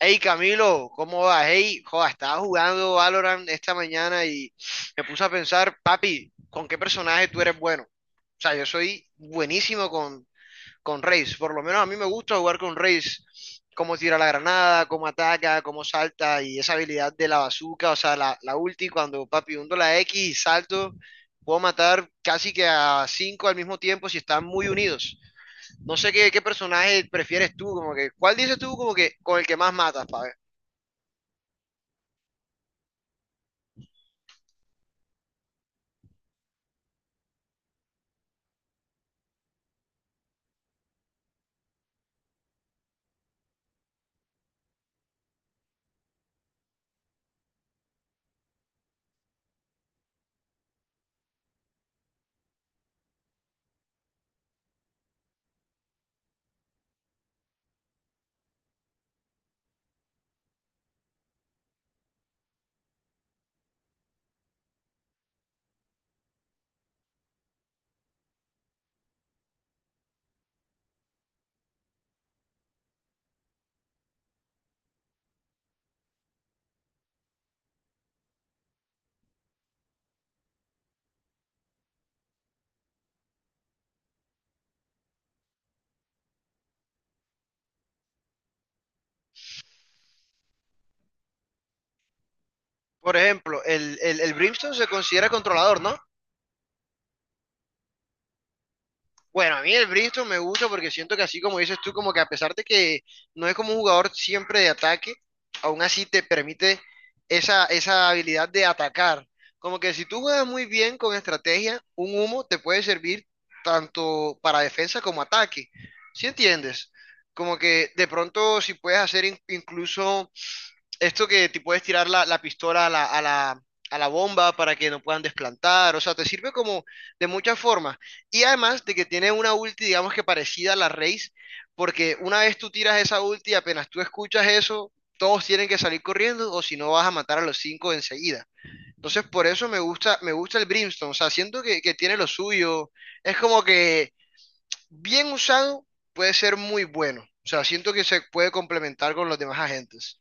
Hey Camilo, ¿cómo vas? Hey, joda, estaba jugando Valorant esta mañana y me puse a pensar, papi, ¿con qué personaje tú eres bueno? O sea, yo soy buenísimo con Raze, por lo menos a mí me gusta jugar con Raze, cómo tira la granada, cómo ataca, cómo salta y esa habilidad de la bazooka, o sea, la ulti cuando, papi, hundo la X y salto, puedo matar casi que a cinco al mismo tiempo si están muy unidos. No sé qué personaje prefieres tú, como que, ¿cuál dices tú como que con el que más matas, pa' Por ejemplo, el Brimstone se considera controlador, ¿no? Bueno, a mí el Brimstone me gusta porque siento que así como dices tú, como que a pesar de que no es como un jugador siempre de ataque, aún así te permite esa habilidad de atacar. Como que si tú juegas muy bien con estrategia, un humo te puede servir tanto para defensa como ataque. ¿Sí entiendes? Como que de pronto si puedes hacer incluso esto que te puedes tirar la pistola a la bomba para que no puedan desplantar, o sea, te sirve como de muchas formas. Y además de que tiene una ulti, digamos que parecida a la Raze, porque una vez tú tiras esa ulti, apenas tú escuchas eso, todos tienen que salir corriendo o si no vas a matar a los cinco enseguida. Entonces, por eso me gusta el Brimstone, o sea, siento que tiene lo suyo, es como que bien usado puede ser muy bueno, o sea, siento que se puede complementar con los demás agentes.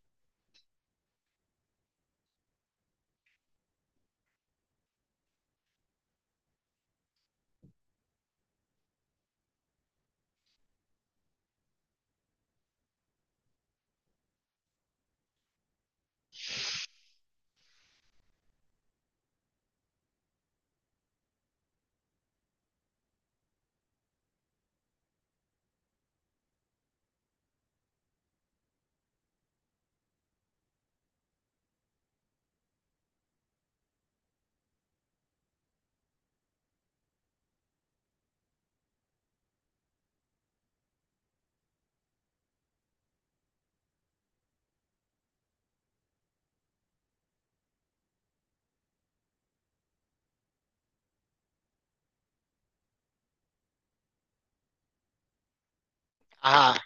Ajá.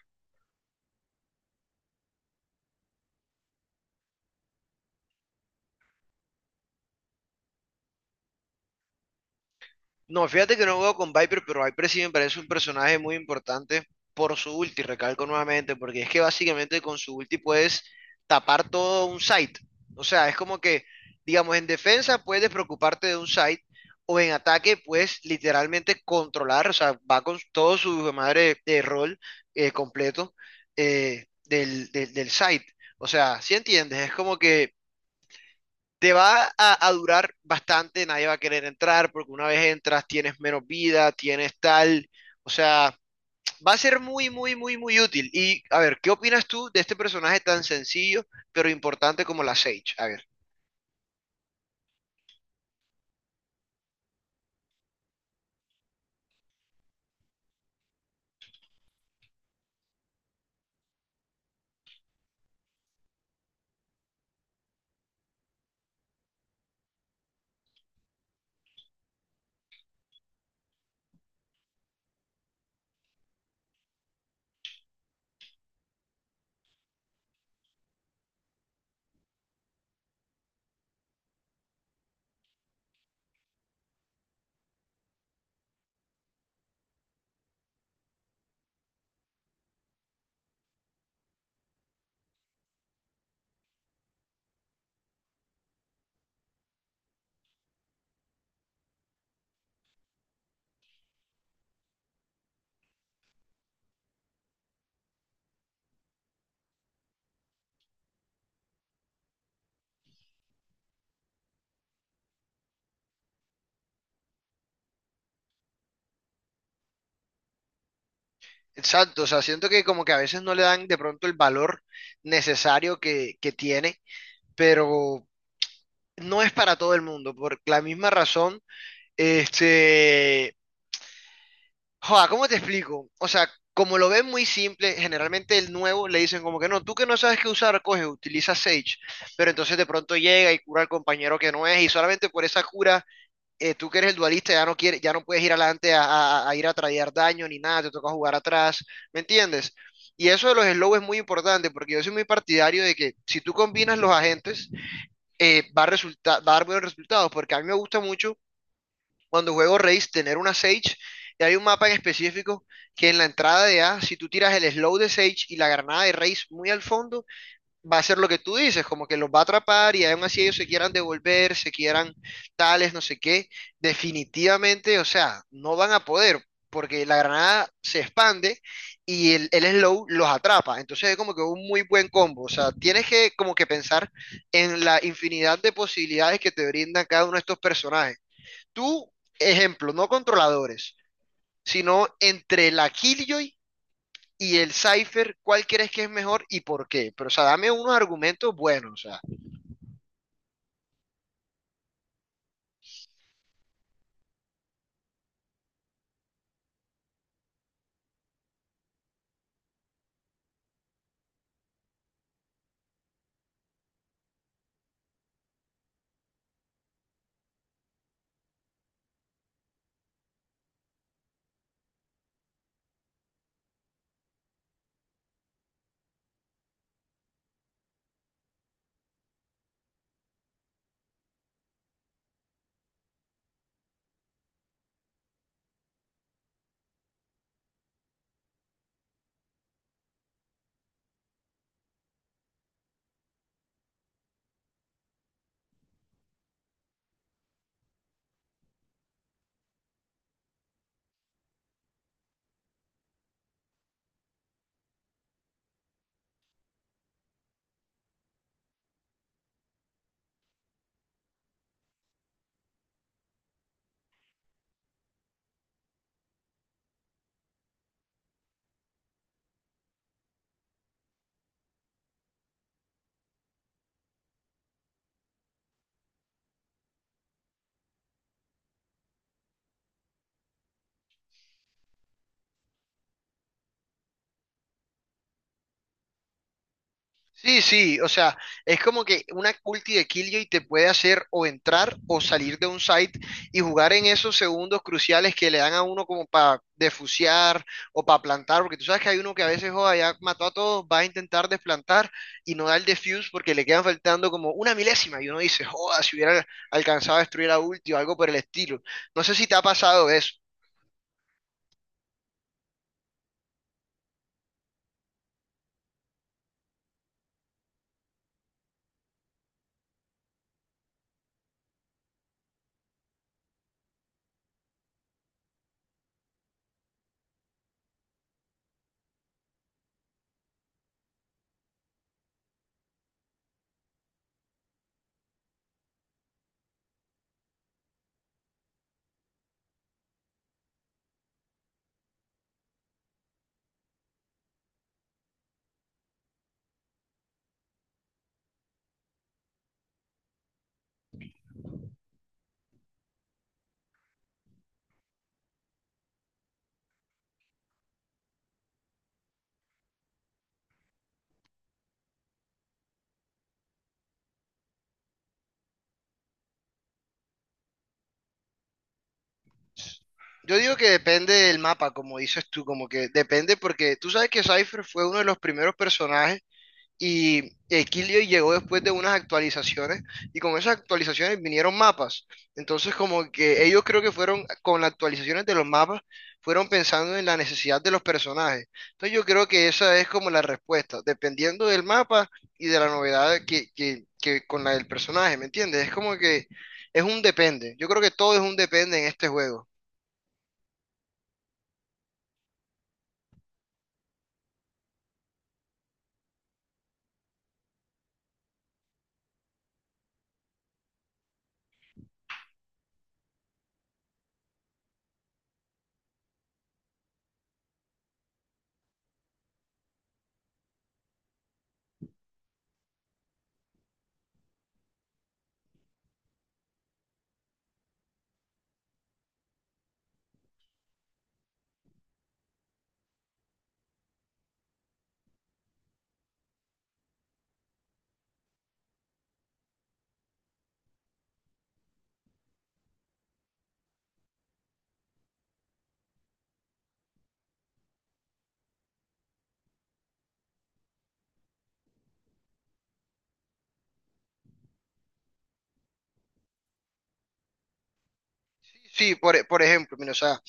No, fíjate que no juego con Viper, pero Viper sí me parece un personaje muy importante por su ulti, recalco nuevamente, porque es que básicamente con su ulti puedes tapar todo un site. O sea, es como que, digamos, en defensa puedes preocuparte de un site o en ataque puedes literalmente controlar, o sea, va con todo su madre de rol completo, del site. O sea, si entiendes? Es como que te va a durar bastante, nadie va a querer entrar porque una vez entras tienes menos vida, tienes tal, o sea, va a ser muy, muy, muy, muy útil. Y a ver, ¿qué opinas tú de este personaje tan sencillo pero importante como la Sage? A ver, exacto, o sea, siento que como que a veces no le dan de pronto el valor necesario que tiene, pero no es para todo el mundo, por la misma razón, este, Joa, ¿cómo te explico? O sea, como lo ven muy simple, generalmente el nuevo le dicen como que no, tú que no sabes qué usar, coge, utiliza Sage, pero entonces de pronto llega y cura al compañero que no es, y solamente por esa cura, tú que eres el dualista ya no quieres, ya no puedes ir adelante a ir a traer daño ni nada, te toca jugar atrás, ¿me entiendes? Y eso de los slow es muy importante porque yo soy muy partidario de que si tú combinas los agentes, va a dar buenos resultados, porque a mí me gusta mucho cuando juego Race, tener una Sage. Y hay un mapa en específico que en la entrada de A, si tú tiras el slow de Sage y la granada de Raze muy al fondo, va a ser lo que tú dices, como que los va a atrapar y aún así ellos se quieran devolver, se quieran tales, no sé qué. Definitivamente, o sea, no van a poder porque la granada se expande y el slow los atrapa. Entonces es como que un muy buen combo. O sea, tienes que como que pensar en la infinidad de posibilidades que te brindan cada uno de estos personajes. Tú, ejemplo, no controladores, sino entre la Killjoy y el Cypher, ¿cuál crees que es mejor y por qué? Pero, o sea, dame unos argumentos buenos, o sea. Sí, sí, o sea, es como que una ulti de Killjoy te puede hacer o entrar o salir de un site y jugar en esos segundos cruciales que le dan a uno como para defusear o para plantar, porque tú sabes que hay uno que a veces joda, ya mató a todos, va a intentar desplantar y no da el defuse porque le quedan faltando como una milésima y uno dice, joda, si hubiera alcanzado a destruir a ulti o algo por el estilo. No sé si te ha pasado eso. Yo digo que depende del mapa, como dices tú, como que depende porque tú sabes que Cypher fue uno de los primeros personajes. Y Equilio llegó después de unas actualizaciones y con esas actualizaciones vinieron mapas. Entonces como que ellos creo que fueron con las actualizaciones de los mapas, fueron pensando en la necesidad de los personajes. Entonces yo creo que esa es como la respuesta, dependiendo del mapa y de la novedad que con la del personaje, ¿me entiendes? Es como que es un depende. Yo creo que todo es un depende en este juego. Sí, por ejemplo, mira, o sea,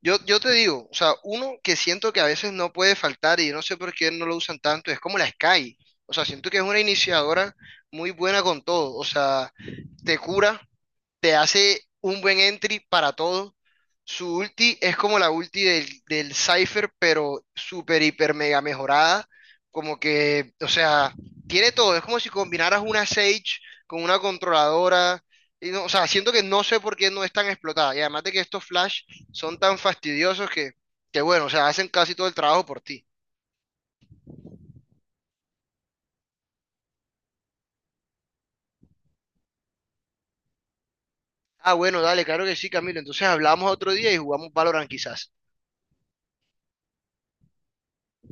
yo te digo, o sea, uno que siento que a veces no puede faltar y yo no sé por qué no lo usan tanto, es como la Sky. O sea, siento que es una iniciadora muy buena con todo. O sea, te cura, te hace un buen entry para todo. Su ulti es como la ulti del Cypher, pero súper, hiper, mega mejorada. Como que, o sea, tiene todo. Es como si combinaras una Sage con una controladora. Y o sea, siento que no sé por qué no es tan explotada. Y además de que estos Flash son tan fastidiosos que bueno, o sea, hacen casi todo el trabajo por ti. Ah, bueno, dale, claro que sí, Camilo. Entonces hablamos otro día y jugamos Valorant quizás.